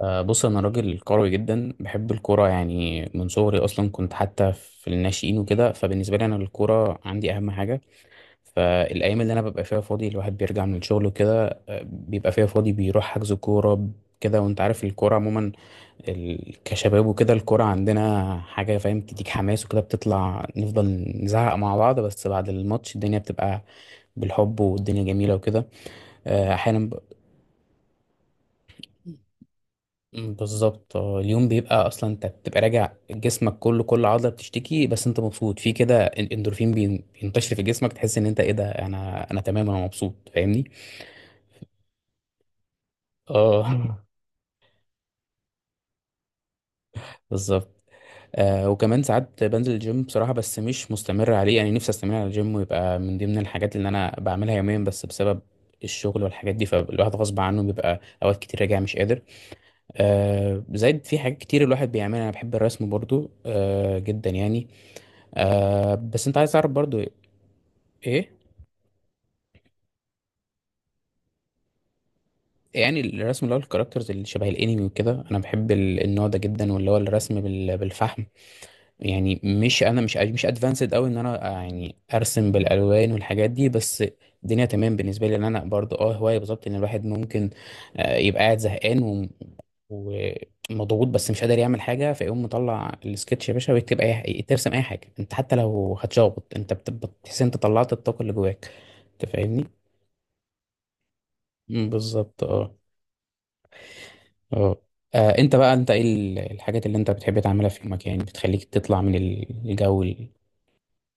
بص انا راجل كروي جدا بحب الكوره، يعني من صغري اصلا كنت حتى في الناشئين وكده. فبالنسبه لي انا الكوره عندي اهم حاجه. فالايام اللي انا ببقى فيها فاضي، الواحد بيرجع من الشغل وكده بيبقى فيها فاضي، بيروح حجز كوره كده. وانت عارف الكوره عموما، كشباب وكده، الكوره عندنا حاجه، فاهم، تديك حماس وكده، بتطلع نفضل نزعق مع بعض. بس بعد الماتش الدنيا بتبقى بالحب والدنيا جميله وكده. احيانا. بالظبط. اليوم بيبقى، اصلا انت بتبقى راجع جسمك كله، كل عضله بتشتكي، بس انت مبسوط في كده. الاندورفين بينتشر في جسمك، تحس ان انت ايه ده، انا تمام، انا مبسوط، فاهمني. اه. بالظبط. وكمان ساعات بنزل الجيم بصراحه، بس مش مستمر عليه يعني، نفسي استمر على الجيم ويبقى من ضمن الحاجات اللي انا بعملها يوميا، بس بسبب الشغل والحاجات دي، فالواحد غصب عنه بيبقى اوقات كتير راجع مش قادر. زائد في حاجات كتير الواحد بيعملها، انا بحب الرسم برضو جدا يعني. بس انت عايز تعرف برضو ايه. يعني الرسم اللي هو الكاركترز اللي شبه الانمي وكده، انا بحب النوع ده جدا، واللي هو الرسم بالفحم. يعني مش، انا مش ادفانسد قوي ان انا يعني ارسم بالالوان والحاجات دي بس. الدنيا تمام بالنسبه لي ان انا برضو هوايه بالظبط ان الواحد ممكن. يبقى قاعد زهقان ومضغوط بس مش قادر يعمل حاجه، فيقوم مطلع السكتش يا باشا ويكتب اي، ترسم اي حاجه انت حتى لو هتشخبط، انت بتحس إن انت طلعت الطاقه اللي جواك، انت فاهمني. بالظبط. اه. اه. انت بقى، انت ايه الحاجات اللي انت بتحب تعملها في يومك يعني، بتخليك تطلع من الجو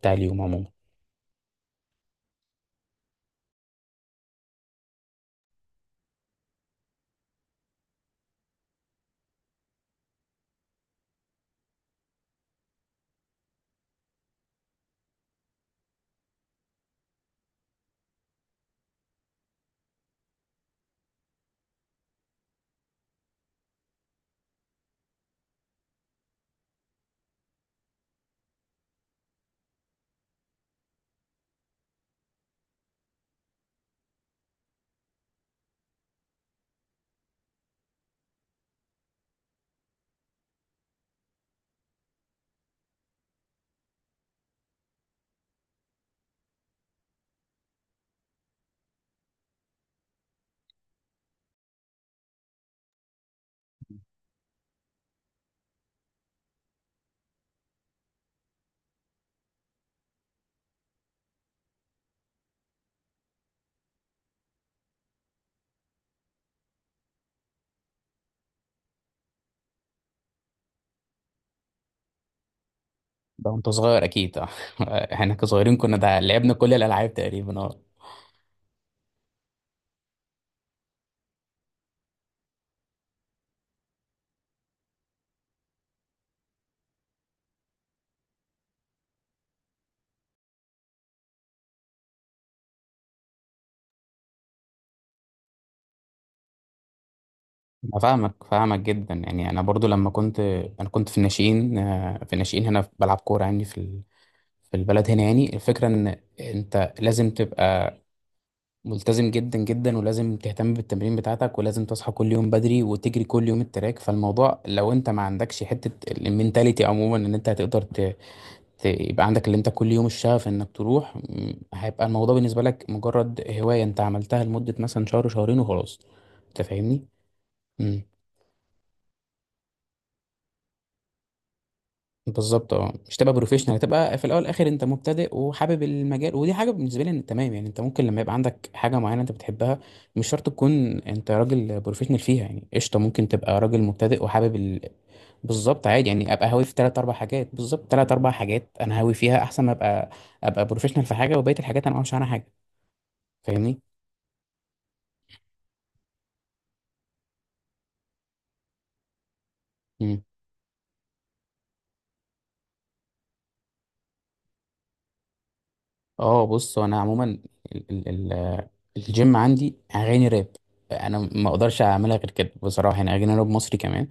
بتاع اليوم عموما؟ ده وانت صغير اكيد، اه. احنا كصغيرين كنا ده لعبنا كل الالعاب تقريبا، اه. أنا فاهمك فاهمك جدا يعني، انا برضو لما كنت، انا كنت في الناشئين، في الناشئين هنا بلعب كوره يعني في البلد هنا، يعني الفكره ان انت لازم تبقى ملتزم جدا جدا، ولازم تهتم بالتمرين بتاعتك، ولازم تصحى كل يوم بدري وتجري كل يوم التراك، فالموضوع لو انت ما عندكش حتة المينتاليتي عموما ان انت هتقدر يبقى عندك اللي انت كل يوم الشغف انك تروح، هيبقى الموضوع بالنسبة لك مجرد هواية انت عملتها لمدة مثلا شهر شهرين وخلاص، انت فاهمني؟ بالظبط، اه. مش تبقى بروفيشنال، تبقى في الاول والاخر انت مبتدئ وحابب المجال، ودي حاجه بالنسبه لي إن تمام يعني، انت ممكن لما يبقى عندك حاجه معينه انت بتحبها مش شرط تكون انت راجل بروفيشنال فيها يعني قشطه، ممكن تبقى راجل مبتدئ وحابب بالظبط عادي يعني، ابقى هاوي في ثلاث اربع حاجات. بالظبط ثلاث اربع حاجات انا هاوي فيها احسن ما ابقى بروفيشنال في حاجه وبقيه الحاجات انا ما اعرفش عنها حاجه، فاهمني. مم. اه، بص، هو انا عموما الجيم عندي اغاني راب. انا ما اقدرش اعملها غير كده بصراحه يعني، اغاني راب مصري كمان.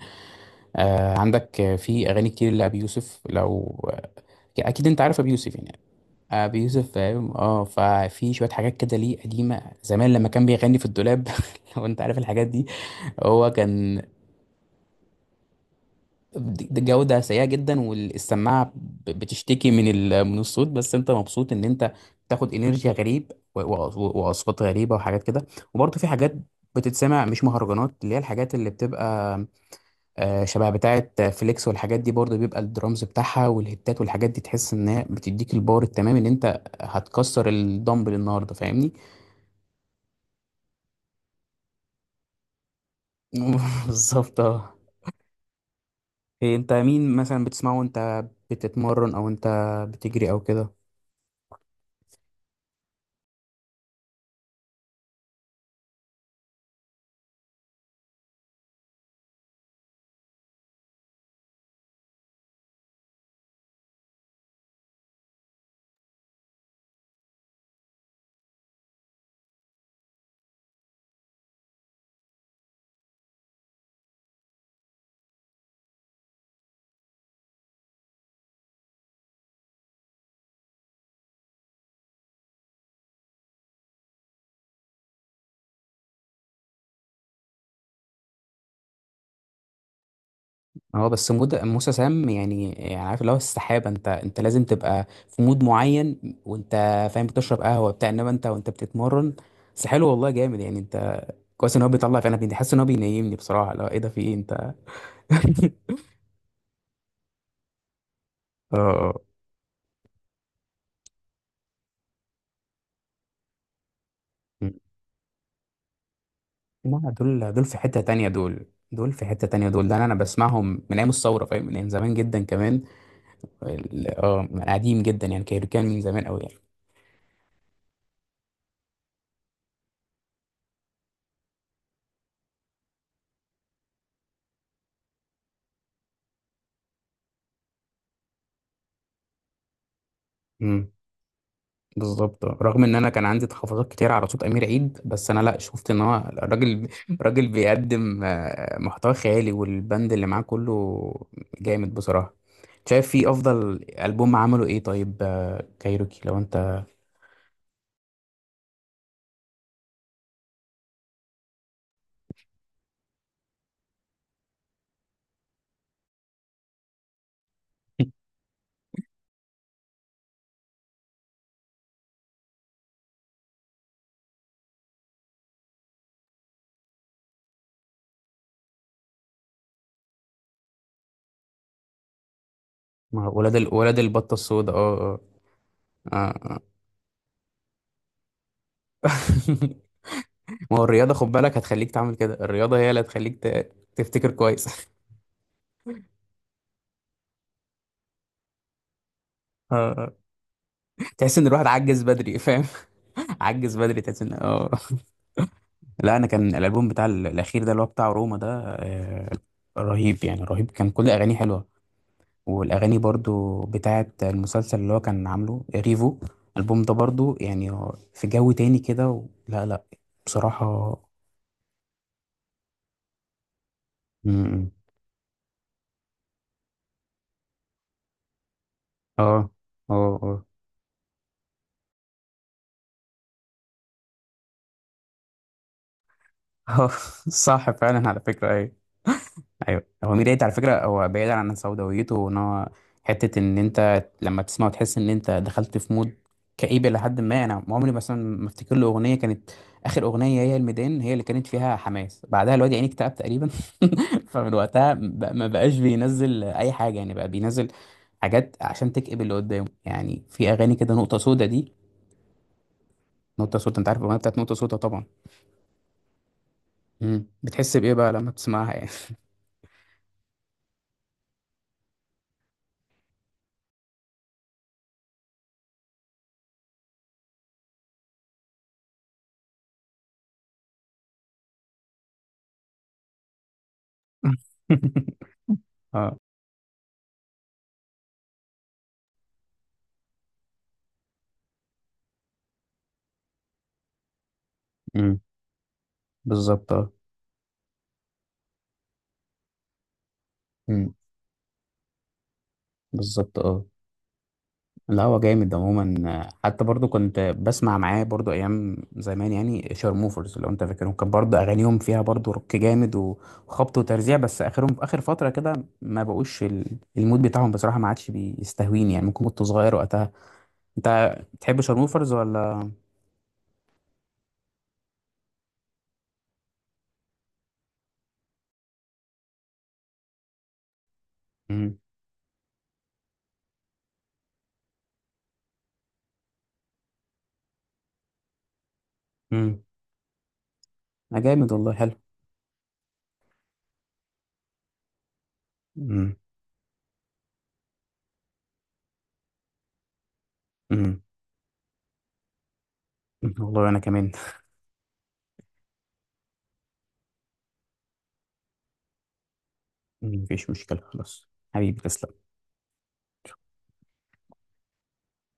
عندك، في اغاني كتير لابي يوسف، لو اكيد انت عارف ابي يوسف يعني. ابي يوسف، فاهم. اه، ففي شويه حاجات كده ليه قديمه زمان لما كان بيغني في الدولاب. لو انت عارف الحاجات دي. هو كان، جوده سيئه جدا، والسماعه بتشتكي من من الصوت، بس انت مبسوط ان انت تاخد انرجي غريب واصوات غريبه وحاجات كده. وبرضه في حاجات بتتسمع مش مهرجانات، اللي هي الحاجات اللي بتبقى شبه بتاعة فليكس، والحاجات دي برضه بيبقى الدرامز بتاعها والهتات والحاجات دي، تحس ان هي بتديك الباور التمام ان انت هتكسر الدمبل النهارده، فاهمني. بالظبط، اه. إيه، انت مين مثلا بتسمعه وانت بتتمرن، او انت بتجري او كده؟ اه بس مود موسى سام يعني عارف اللي هو السحابة، انت لازم تبقى في مود معين وانت فاهم، بتشرب قهوة بتاع، انما انت وانت بتتمرن. بس حلو والله، جامد يعني. انت كويس ان هو بيطلع، في انا حاسس ان هو بينيمني بصراحة. لا ايه ده، في ايه انت؟ اه لا، دول في حتة تانية دول، دول في حتة تانية دول، ده أنا بسمعهم من أيام الثورة، فاهم، من أيام زمان جدا كمان. اه، من قديم جدا يعني كان من زمان أوي يعني. امم بالظبط، رغم إن أنا كان عندي تحفظات كتير على صوت أمير عيد، بس أنا لا، شفت إن هو الراجل، راجل بيقدم محتوى خيالي، والبند اللي معاه كله جامد بصراحة. شايف فيه أفضل ألبوم عمله إيه؟ طيب كايروكي لو أنت. ولاد ولاد البطة السوداء، اه. اه. آه. ما هو الرياضة خد بالك هتخليك تعمل كده، الرياضة هي اللي هتخليك تفتكر كويس. آه. تحس ان الواحد عجز بدري، فاهم. عجز بدري، تحس ان، اه. لا، انا كان الالبوم بتاع الاخير ده اللي هو بتاع روما ده، آه، رهيب يعني، رهيب كان، كل اغانيه حلوه. والاغاني برضو بتاعه المسلسل اللي هو كان عامله ريفو، الالبوم ده برضو يعني هو في جو تاني كده لا، لا بصراحه. م. اه. اه. اه. آه. صح فعلا على فكره، أيوه. ايوه، هو ميدو ايت على فكره، هو بعيدا عن سوداويته وان هو، حته ان انت لما تسمعه تحس ان انت دخلت في مود كئيب، لحد ما انا عمري مثلا ما افتكر له اغنيه كانت، اخر اغنيه هي الميدان، هي اللي كانت فيها حماس، بعدها الواد يعني اكتئب تقريبا. فمن وقتها ما بقاش بينزل اي حاجه يعني، بقى بينزل حاجات عشان تكئب اللي قدامه يعني، في اغاني كده نقطه سودا دي. نقطه سودا، انت عارف الاغنيه بتاعت نقطه سودا طبعا. مم. بتحس بايه بقى لما بتسمعها يعني؟ اه. مم. بالظبط، اه. بالظبط، اه. لا هو جامد عموما، حتى برضو كنت بسمع معاه برضو ايام زمان يعني شارموفرز، لو انت فاكرهم، كان برضو اغانيهم فيها برضو روك جامد وخبط وترزيع، بس اخرهم اخر فتره كده، ما بقوش المود بتاعهم بصراحه، ما عادش بيستهويني يعني، ممكن كنت صغير وقتها. انت بتحب شارموفرز ولا؟ امم امم ما جامد والله، حلو. امم امم والله انا كمان. مم. مفيش مشكله خلاص. حبيبي تسلم.